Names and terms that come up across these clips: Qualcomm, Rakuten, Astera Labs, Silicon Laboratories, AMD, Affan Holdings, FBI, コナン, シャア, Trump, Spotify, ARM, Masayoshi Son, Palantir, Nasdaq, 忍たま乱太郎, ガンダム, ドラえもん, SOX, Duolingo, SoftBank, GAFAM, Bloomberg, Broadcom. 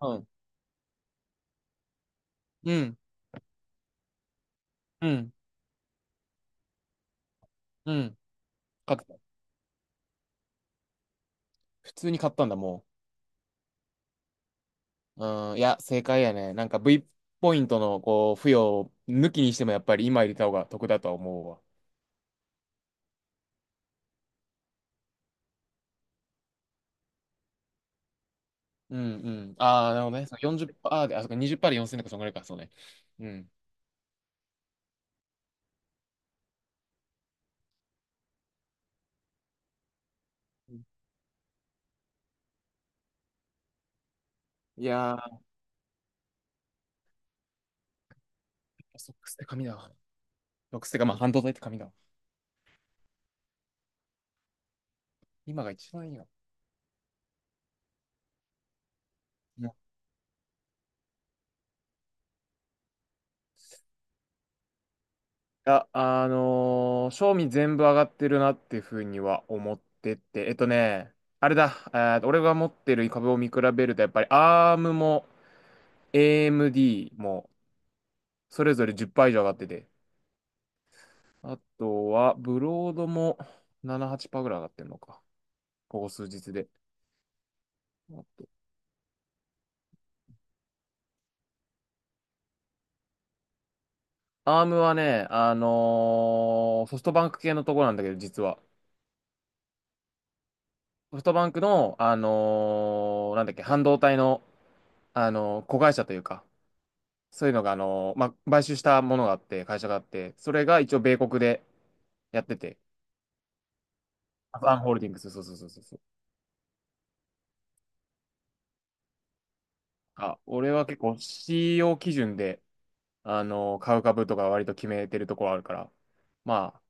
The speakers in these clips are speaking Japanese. はい。うん。うん。うん。買った。普通に買ったんだ、もう。うん。いや、正解やね。なんか V ポイントの、こう、付与を抜きにしても、やっぱり今入れた方が得だとは思うわ。うん、うん。ああ、なるほどね。そう40%で、あ、そっか、20%で4000とか、そんぐらいか、そうね。うん。いやー、ソックスって紙だわ。ソックスってか、まあ、半導体って紙だわ。今が一番いいよ。んや、賞味全部上がってるなっていうふうには思ってて、あれだ、俺が持ってる株を見比べると、やっぱり ARM も AMD もそれぞれ10%以上上がってて、あとはブロードも7、8%ぐらい上がってるのか、ここ数日で。あと ARM はね、ソフトバンク系のところなんだけど、実は。ソフトバンクの、なんだっけ、半導体の、子会社というか、そういうのが、まあ、買収したものがあって、会社があって、それが一応米国でやってて、アファンホールディングス、そうそうそうそうそう。あ、俺は結構 CEO 基準で、買う株とか割と決めてるところあるから、ま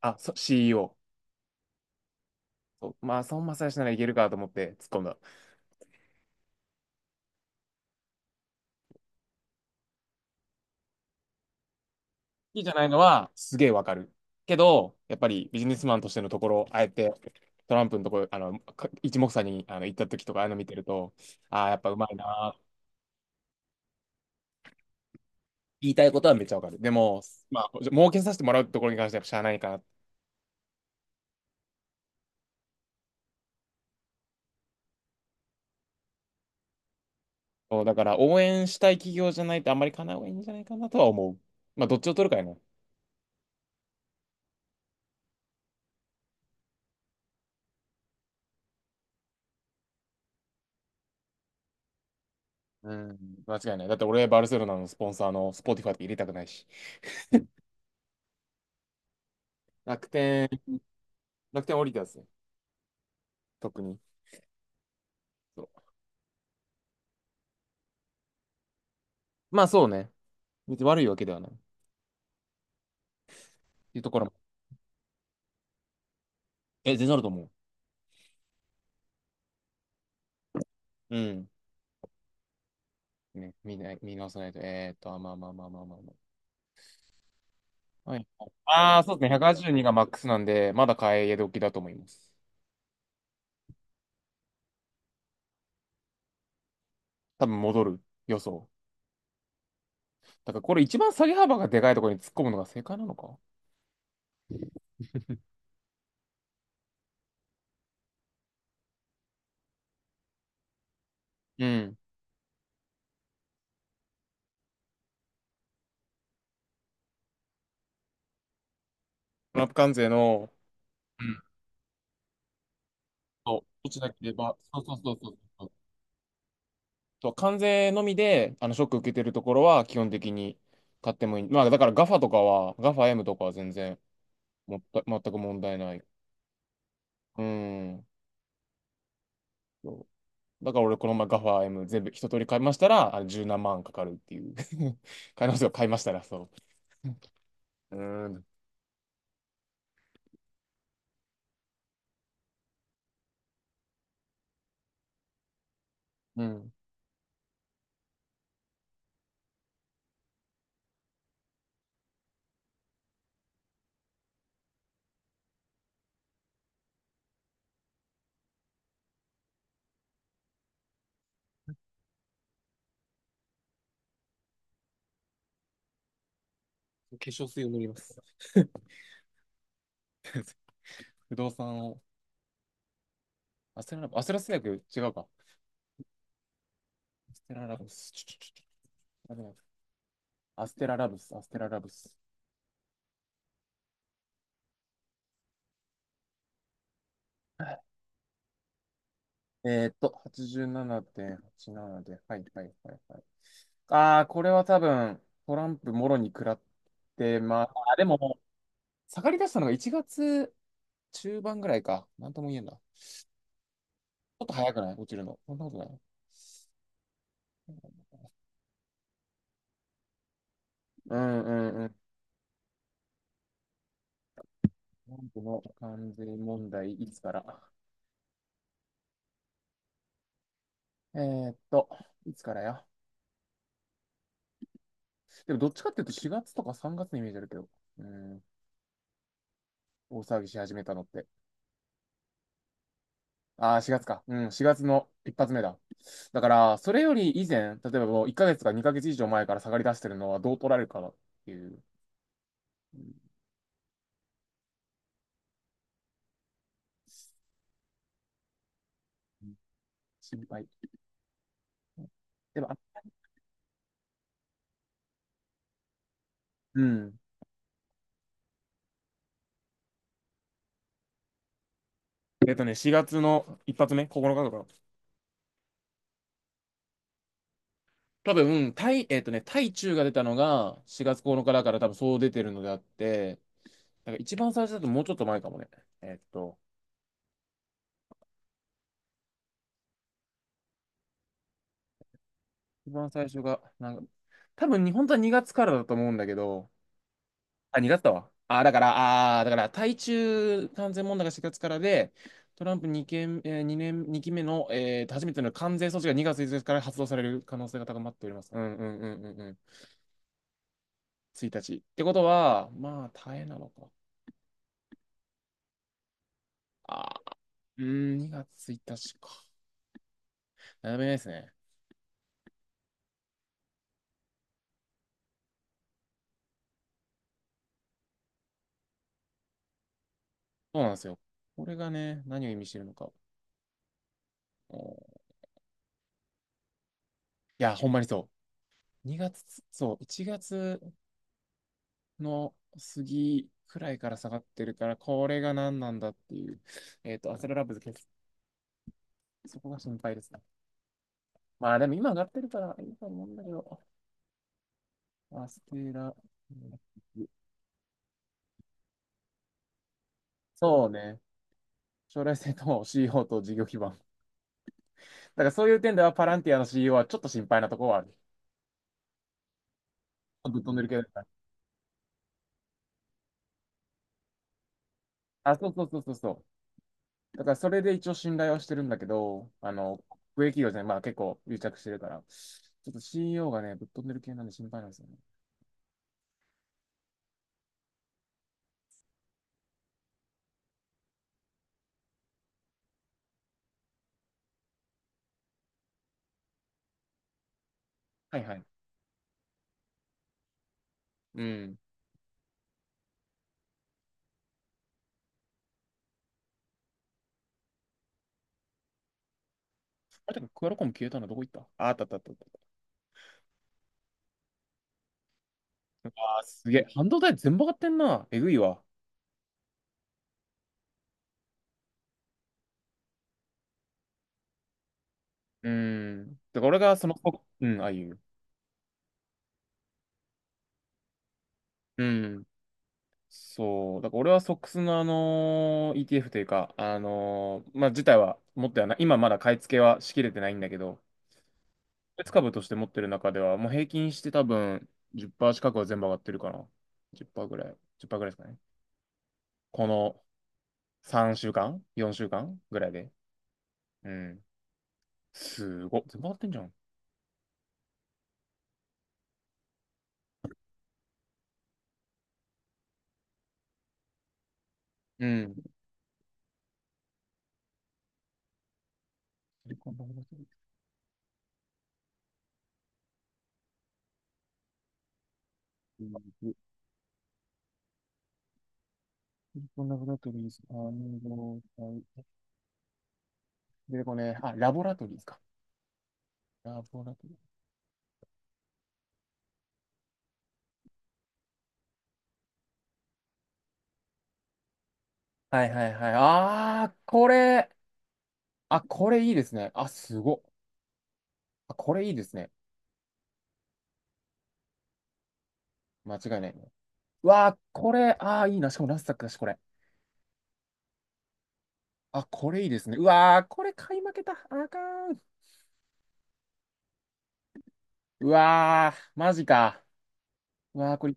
CEO。そうまあ、孫正義ならいけるかと思って突っ込んだ。好きじゃないのはすげえわかる。けど、やっぱりビジネスマンとしてのところ、あえてトランプのところ、一目散に行った時とか、ああいうの見てると、ああ、やっぱうまいなー言いたいことはめっちゃわかる。でも、まあ、儲けさせてもらうところに関してはやっぱしゃあないかな。そうだから応援したい企業じゃないとあんまり叶なうがいいんじゃないかなとは思う。まあ、どっちを取るかやね。うん、間違いない。だって俺、バルセロナのスポンサーのスポティファイって入れたくないし。楽天、楽天降りたやつね。特に。そうまあそうね。別に悪いわけではない。っていうところも。え、全然あると思う。うん。ね、見ない見直さないと。えーっと、あまあまあまあまあまあまあ。はい。ああ、そうですね。182がマックスなんで、まだ買え時だと思います。多分戻る予想。だからこれ一番下げ幅がでかいところに突っ込むのが正解なのか。うん。トランプ関税の、うん、そう落ちなければ、そうそうそうそうそう。そう関税のみで、ショック受けてるところは基本的に買ってもいい。まあ、だからガファとかは、ガファ m とかは全然もった、全く問題ない。うん。そうだから俺、この前ガファエ m 全部一通り買いましたら、あれ十何万かかるっていう。買いますよ、買いましたら、そう。うん。うん。化粧水を塗ります。不動産を。アステララブス、アステラス薬違うか。アステララブス、ちょちょちょちょ、アステララブス、アステララブス。えーっと、87.87で、はいはいはいはい。ああ、これは多分、トランプもろに食らってまあ、あでも、下がり出したのが1月中盤ぐらいか。なんとも言えんだ。ちょっと早くない落ちるの。そんなことない。うんうんうん。トランプの関税問題、いつからえーっと、いつからや。でも、どっちかっていうと4月とか3月のイメージあるけど。うん、大騒ぎし始めたのって。ああ、4月か。うん、4月の一発目だ。だから、それより以前、例えばもう1ヶ月か2ヶ月以上前から下がり出してるのはどう取られるかなっていう、うん、心配。でも、あ、うん。えっとね、4月の一発目、9日とかな。多分、対、えっとね、対中が出たのが4月9日だから多分そう出てるのであって、だから一番最初だともうちょっと前かもね。えっと、一番最初が、なんか、多分に本当は2月からだと思うんだけど、あ、2月だわ。あ、だから、あー、だから、対中関税問題が4月からで、トランプ2件、年、二期目の、初めての関税措置が2月1日かから発動される可能性が高まっております。うんうんうんうんうん。1日。ってことは、まあ、大変なのか。あー、うーん、2月1日か。悩めないですね。そうなんですよ。これがね、何を意味してるのか。おー、いや、ほんまにそう。2月、そう、1月、の杉くらいから下がってるから、これが何なんだっていう。えっと、アセララブズ決す、そこが心配ですね。まあでも今上がってるからいいと思うんだけど、アステラ、そうね。将来性と CEO と事業基盤。だからそういう点ではパランティアの CEO はちょっと心配なところはある。ぶっ飛んでるけど。あ、そうそうそうそうそう。だからそれで一応信頼はしてるんだけど、国営企業じゃない、まあ結構癒着してるから、ちょっと CEO がね、ぶっ飛んでる系なんで心配なんですよね。はいはい。うん。あれ、てかクアラコム消えたのどこ行った。あ、あったあったあったあった。あー、すげえ。半導体全部上がってんな。えぐいわ。うーん。だから俺がその、うん、ああいう。うん。そう。だから俺はソックスのETF というか、まあ、自体は持ってはない。今まだ買い付けはしきれてないんだけど、別株として持ってる中では、もう平均して多分10%近くは全部上がってるかな。10%ぐらい。10%ぐらいですかね。この3週間 ?4 週間ぐらいで。うん。すごっ。全部上がってんじゃん。うん。シリコンダブラトリーズ。シリコンダブラトリーズ。すか体。出てこねえ。あ、ラボラトリーズか。ラボラトリーズ。はいはいはい。あー、これ。あ、これいいですね。あ、すごっ。あ、これいいですね。間違いないね。うわー、これ。あー、いいな。しかもラスタックだし、これ。あ、これいいですね。うわー、これ買い負けた。あかん。うわー、マジか。うわー、これ、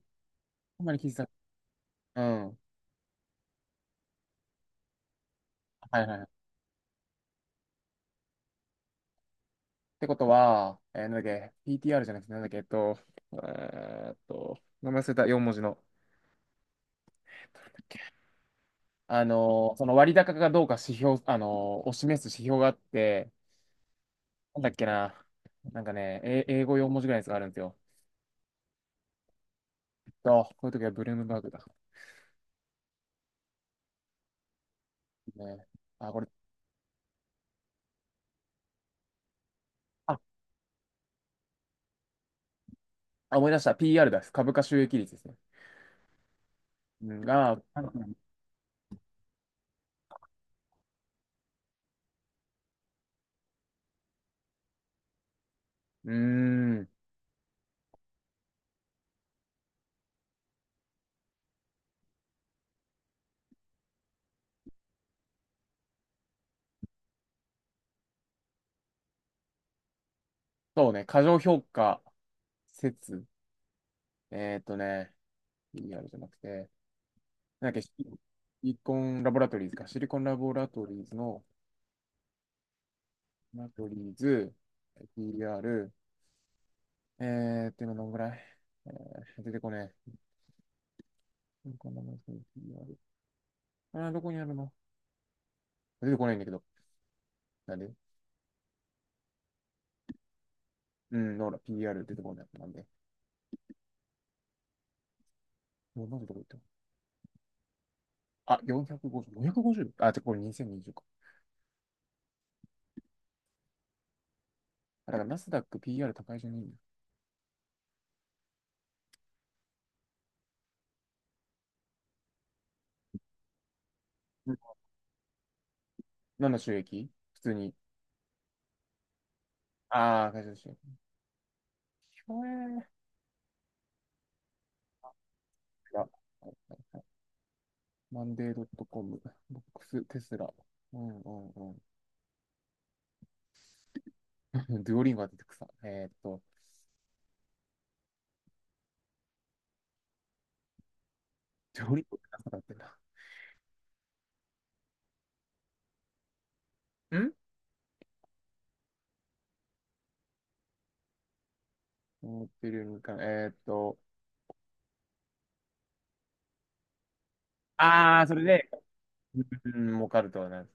ほんまに気づいてた。うん。はいはいはい。ってことは、えーなんだっけ、PTR じゃなくて、なんだっけ、えっと、えーっと、名前忘れた、4文字の。えっとなんだっけ、その割高かどうか指標、を示す指標があって、なんだっけな、なんかね、え英語4文字ぐらいのやつがあるんですよ。と、こういう時はブルームバーグだ。ね、あ、これ、あ、あ思い出した。PR です。株価収益率ですね。うん、が、うーん、そうね、過剰評価説。ね、PR じゃなくて、なんだっけ、シリコンラボラトリーズか、シリコンラボラトリーズの、ラボラトリーズ、PR、えーっと、今どんぐらい、えー出てこねえ。シリコンラボラトリーズ PR あー、どこにあるの。出てこないんだけど。なんで、うん、ほら、PR 出てこない。なんでもうなんでどこ行ったの。あ、450、450? あ、てかこれ2020か。あだから、ナスダック PR 高いじゃねえんだよ。うん、何の収益。普通に。ああ、会社収益。ひょえー。あ、はい、マンデー .com、ボックス、テスラ。うんうんうん。デュオリンゴが出てくさ。えーっと、デュオリンゴって何だってんだ。ん、思ってるよりもいかない。えーっと、あー、それで、うん、儲かるとはな。